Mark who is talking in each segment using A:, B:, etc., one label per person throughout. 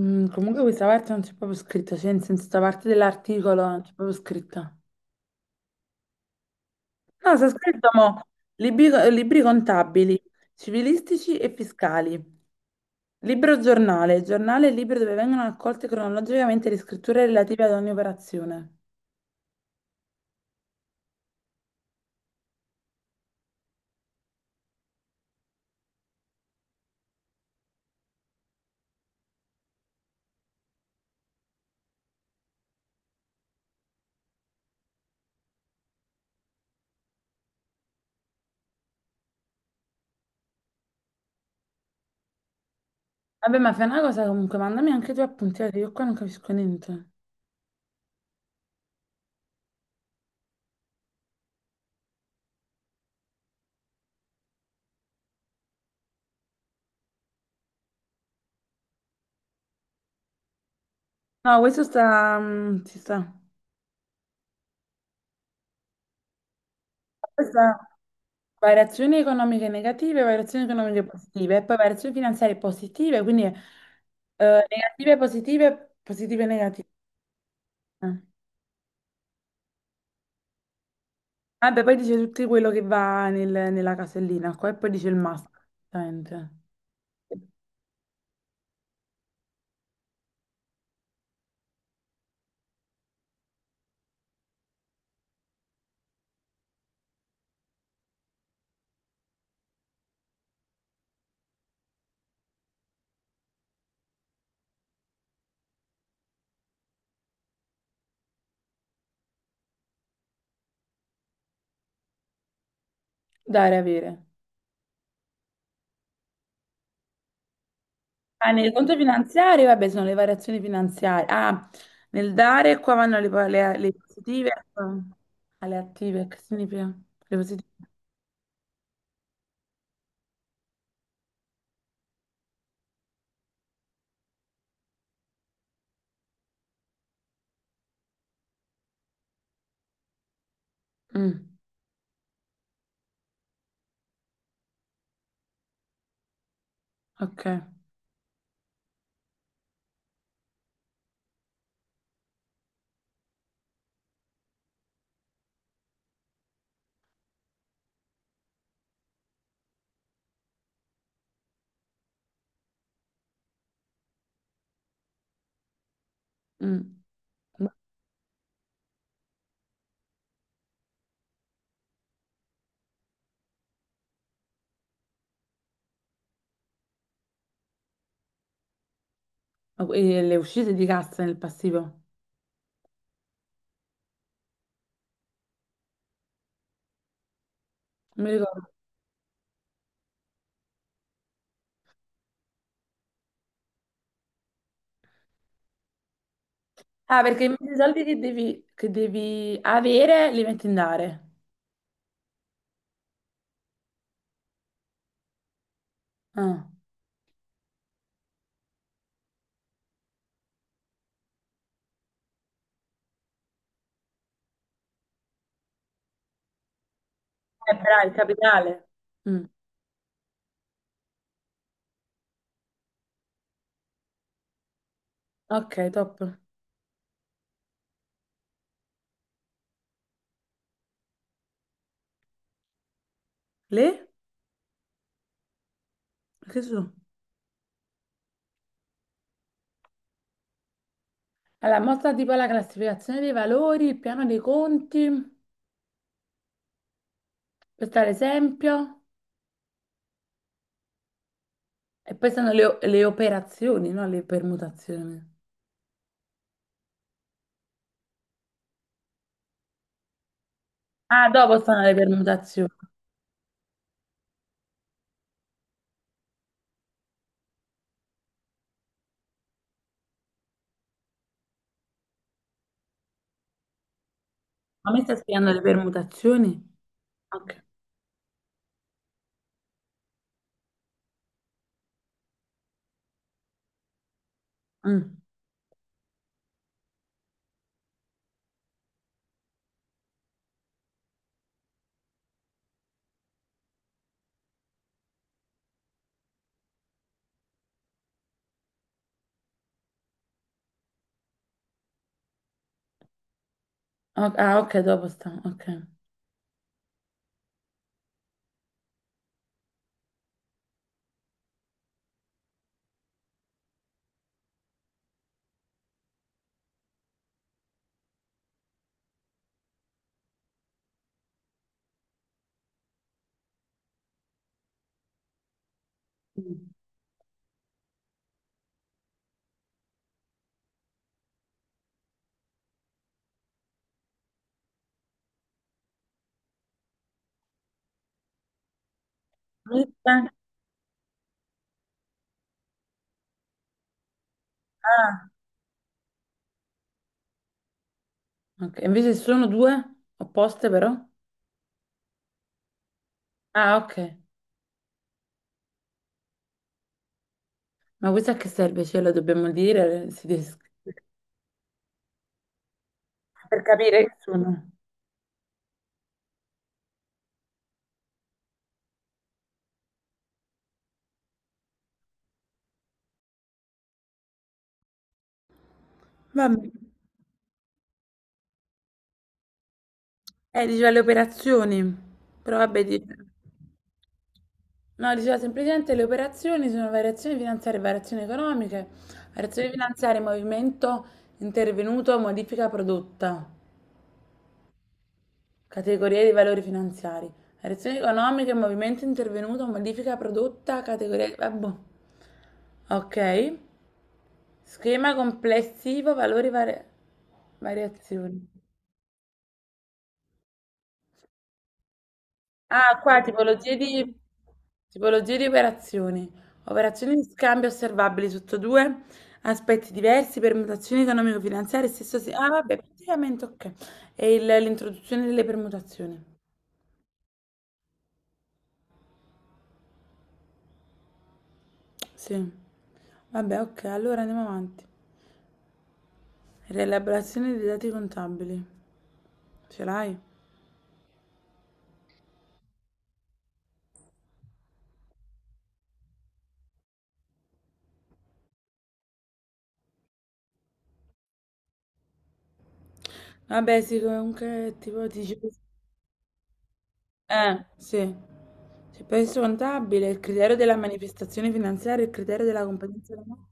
A: Mm, comunque questa parte non c'è proprio scritto, cioè in senso, questa parte dell'articolo non c'è proprio scritto. No, c'è scritto mo, libri contabili, civilistici e fiscali. Libro giornale, giornale e libro dove vengono raccolte cronologicamente le scritture relative ad ogni operazione. Vabbè, ma fai una cosa comunque, mandami anche tu appunti, perché io qua non capisco niente. No, questo sta... ci sta. Questa variazioni economiche negative, variazioni economiche positive, e poi variazioni finanziarie positive, quindi negative, positive, positive e negative. Vabbè, poi dice tutto quello che va nella casellina qua e poi dice il massimo. Esattamente. Dare, avere. Ah, nel conto finanziario, vabbè, sono le variazioni finanziarie. Ah, nel dare qua vanno le positive alle attive, che significa? Le positive. Mm, ok. Mm. E le uscite di cassa nel passivo? Non mi ricordo. Ah, perché i soldi che devi avere li metti in dare. Ah. Bravo, il capitale. Mm. Ok, top. Le? Che sono? Allora, mostra tipo la classificazione dei valori, il piano dei conti, questo è l'esempio. E poi sono le operazioni, no? Le permutazioni. Ah, dopo sono le permutazioni. Ma mi stai spiegando le permutazioni? Ok. Mm. Ah, ok, dopo sta. Ok. Mm. Questa... Ah, ok. Invece sono due opposte però? Ah, ok. Ma questa a che serve? Ce la dobbiamo dire si des- Per capire che sono. Vabbè. Diceva le operazioni. Però vabbè, no, diceva semplicemente le operazioni sono variazioni finanziarie, variazioni economiche, variazioni finanziarie, movimento intervenuto, modifica prodotta. Categorie di valori finanziari. Variazioni economiche, movimento intervenuto, modifica prodotta, categoria... di... ah, boh. Ok. Schema complessivo, variazioni. Ah, qua tipologie di operazioni. Operazioni di scambio osservabili sotto due aspetti diversi, permutazioni economico-finanziarie, ah, vabbè, praticamente ok. L'introduzione delle permutazioni. Sì. Vabbè, ok, allora andiamo avanti. Rielaborazione dei dati contabili. Ce l'hai? Vabbè, sì, comunque, tipo, ti dicevo... sì. C'è peso contabile, il criterio della manifestazione finanziaria, il criterio della competenza... economica.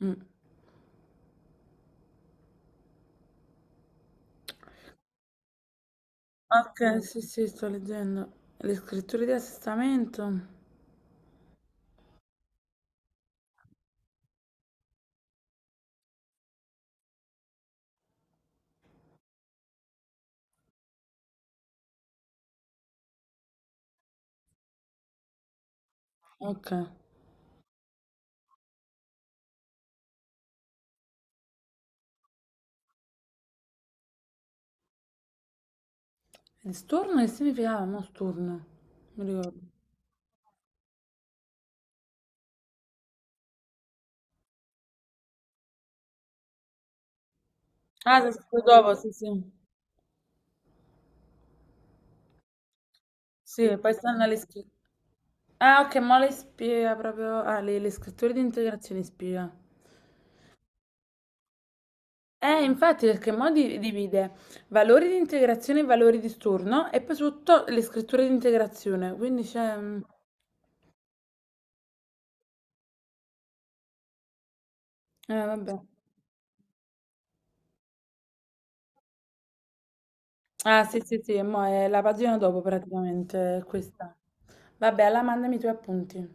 A: Mm. Ok, sì, sì, sto leggendo. Le scritture di assestamento. Ok. Storno che significava? No, storno. Non mi ricordo. Ah, si scritto dopo, sì, sì. Sì, poi stanno le scritture. Ah, ok, ma le spiega proprio... Ah, le scritture di integrazione spiega. Infatti, perché mo divide valori di integrazione e valori di storno e poi sotto le scritture di integrazione. Quindi c'è... mm, eh, vabbè. Ah, sì, sì, sì, mo è la pagina dopo praticamente questa. Vabbè, alla mandami i tuoi appunti.